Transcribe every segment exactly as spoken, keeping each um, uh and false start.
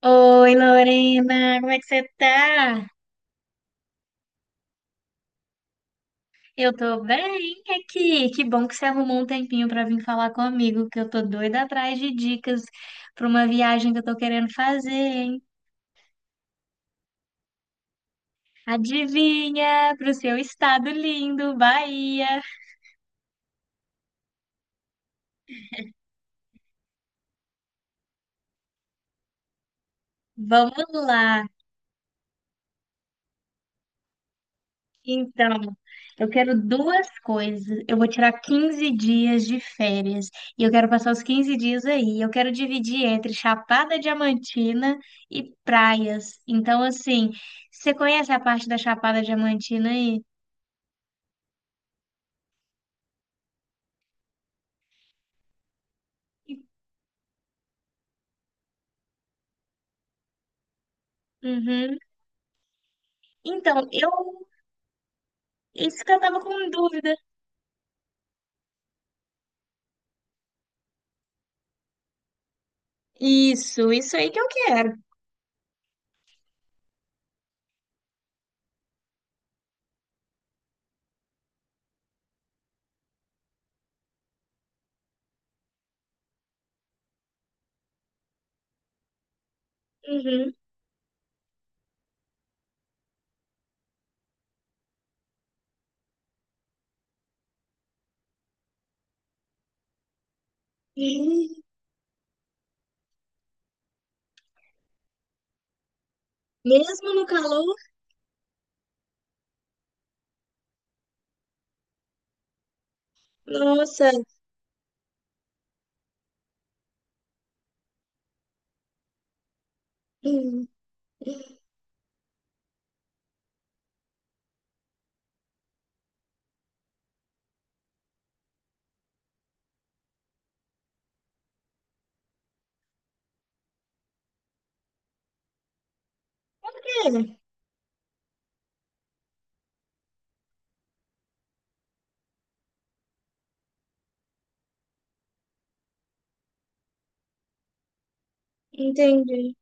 Oi, Lorena, como é que você tá? Eu tô bem aqui. Que bom que você arrumou um tempinho pra vir falar comigo, que eu tô doida atrás de dicas pra uma viagem que eu tô querendo fazer, hein? Adivinha, pro seu estado lindo, Bahia. Vamos lá. Então, eu quero duas coisas. Eu vou tirar quinze dias de férias e eu quero passar os quinze dias aí. Eu quero dividir entre Chapada Diamantina e praias. Então, assim, você conhece a parte da Chapada Diamantina aí? Uhum. Então, eu. Isso que eu tava com dúvida. Isso, isso aí que eu quero. Uhum. Mesmo no calor? Nossa. Hum. É, entendi.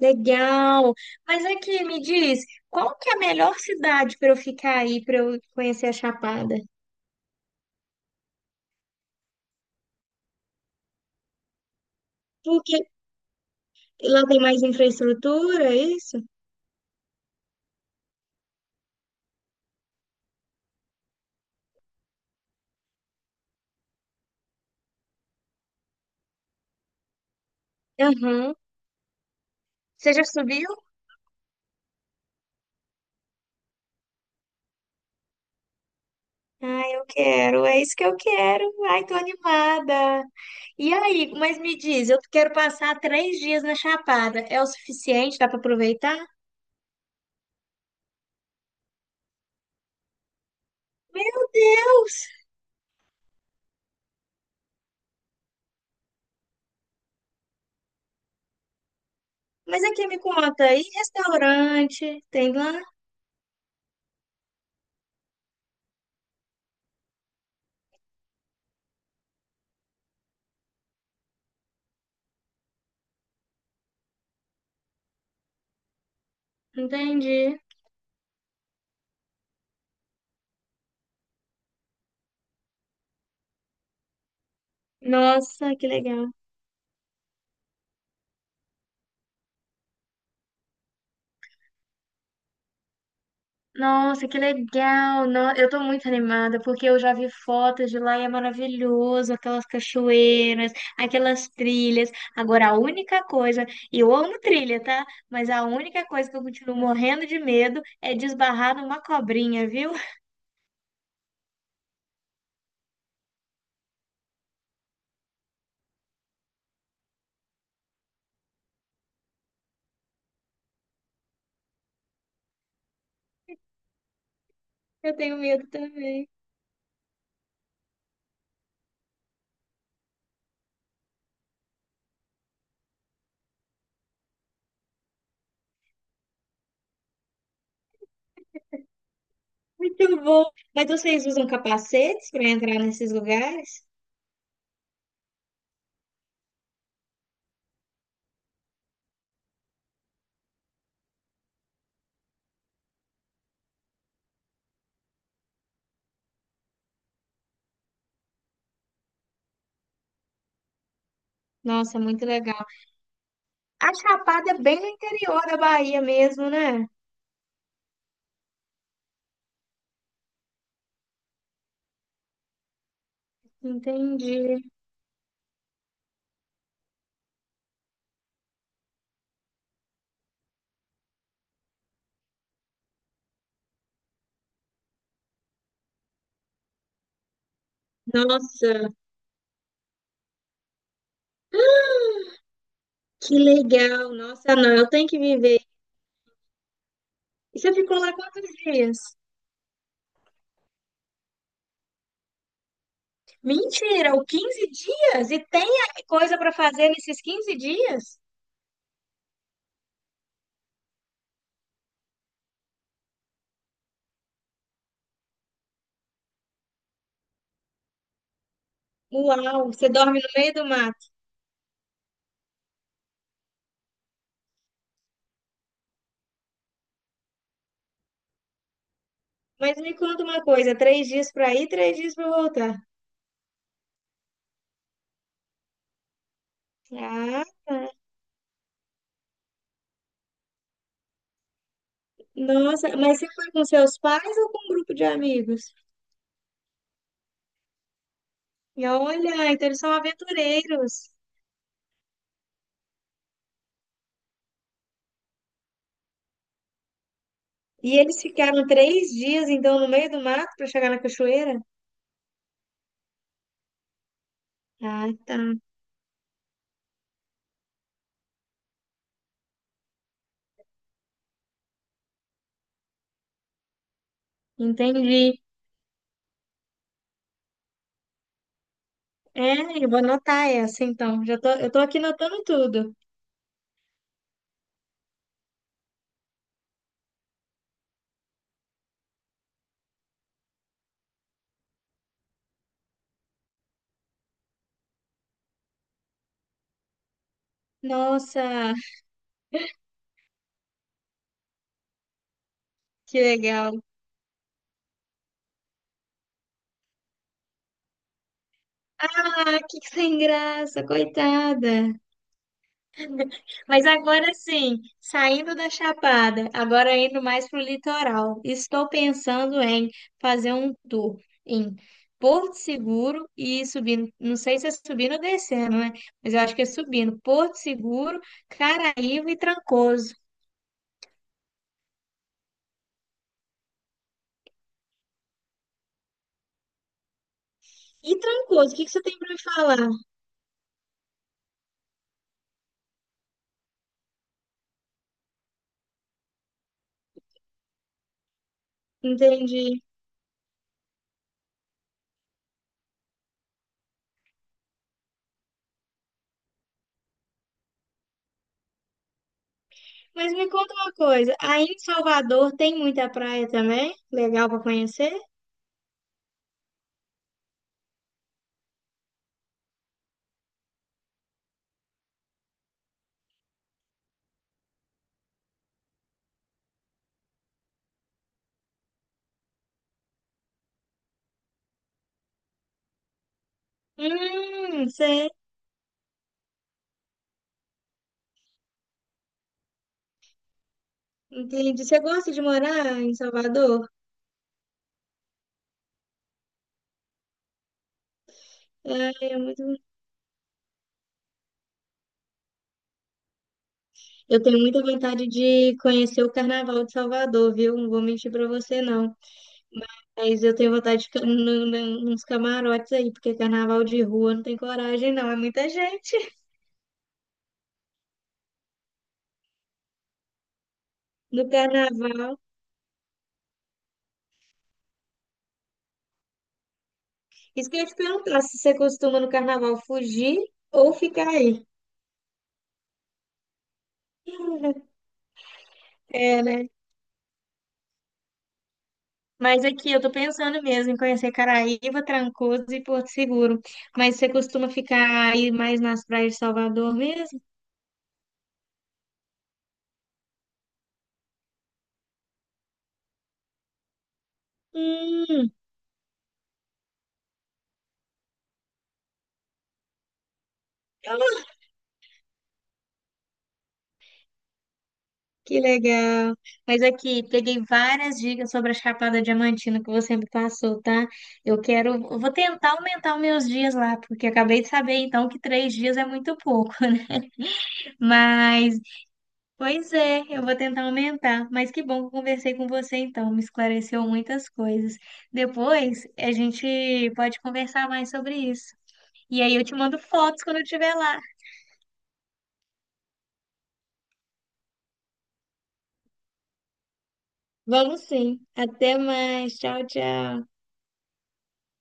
Legal. Mas aqui me diz, qual que é a melhor cidade para eu ficar aí, para eu conhecer a Chapada? Porque lá tem mais infraestrutura, é isso? Aham. Você já subiu? Ai, eu quero, é isso que eu quero. Ai, tô animada. E aí, mas me diz, eu quero passar três dias na Chapada. É o suficiente? Dá para aproveitar? Meu Deus! Mas aqui me conta, e restaurante? Tem lá? Entendi. Nossa, que legal. Nossa, que legal! No- Eu tô muito animada porque eu já vi fotos de lá e é maravilhoso, aquelas cachoeiras, aquelas trilhas. Agora, a única coisa, e eu amo trilha, tá? Mas a única coisa que eu continuo morrendo de medo é desbarrar numa cobrinha, viu? Eu tenho medo também. Muito bom! Mas vocês usam capacetes para entrar nesses lugares? Nossa, muito legal. A Chapada é bem no interior da Bahia mesmo, né? Entendi. Nossa. Que legal, nossa, não, eu tenho que viver. E você ficou lá quantos dias? Mentira, o quinze dias? E tem coisa para fazer nesses quinze dias? Uau, você dorme no meio do mato. Mas me conta uma coisa, três dias para ir, três dias para voltar. Ah, nossa, mas você foi com seus pais ou com um grupo de amigos? E olha, então eles são aventureiros. E eles ficaram três dias, então, no meio do mato para chegar na cachoeira? Ah, tá. Entendi. É, eu vou anotar essa então. Já tô, eu tô aqui anotando tudo. Nossa, que legal. Ah, que sem graça, coitada. Mas agora sim, saindo da Chapada, agora indo mais pro litoral. Estou pensando em fazer um tour em Porto Seguro e ir subindo, não sei se é subindo ou descendo, né? Mas eu acho que é subindo. Porto Seguro, Caraíva e Trancoso. E Trancoso, o que que você tem para me falar? Entendi. Mas me conta uma coisa, aí em Salvador tem muita praia também? Legal pra conhecer? Hum, sei. Entendi. Você gosta de morar em Salvador? É, é muito... Eu tenho muita vontade de conhecer o Carnaval de Salvador, viu? Não vou mentir pra você, não. Mas eu tenho vontade de ficar no- no- nos camarotes aí, porque carnaval de rua não tem coragem, não. É muita gente no carnaval. Isso que eu ia te perguntar, se você costuma no carnaval fugir ou ficar aí? É, né? Mas aqui eu tô pensando mesmo em conhecer Caraíva, Trancoso e Porto Seguro. Mas você costuma ficar aí mais nas praias de Salvador mesmo? Hum, que legal. Mas aqui peguei várias dicas sobre a Chapada Diamantina que você me passou, tá? Eu quero, eu vou tentar aumentar os meus dias lá, porque acabei de saber então que três dias é muito pouco. Mas Pois é, eu vou tentar aumentar, mas que bom que eu conversei com você então, me esclareceu muitas coisas. Depois a gente pode conversar mais sobre isso. E aí eu te mando fotos quando eu estiver lá. Vamos sim. Até mais. Tchau, tchau.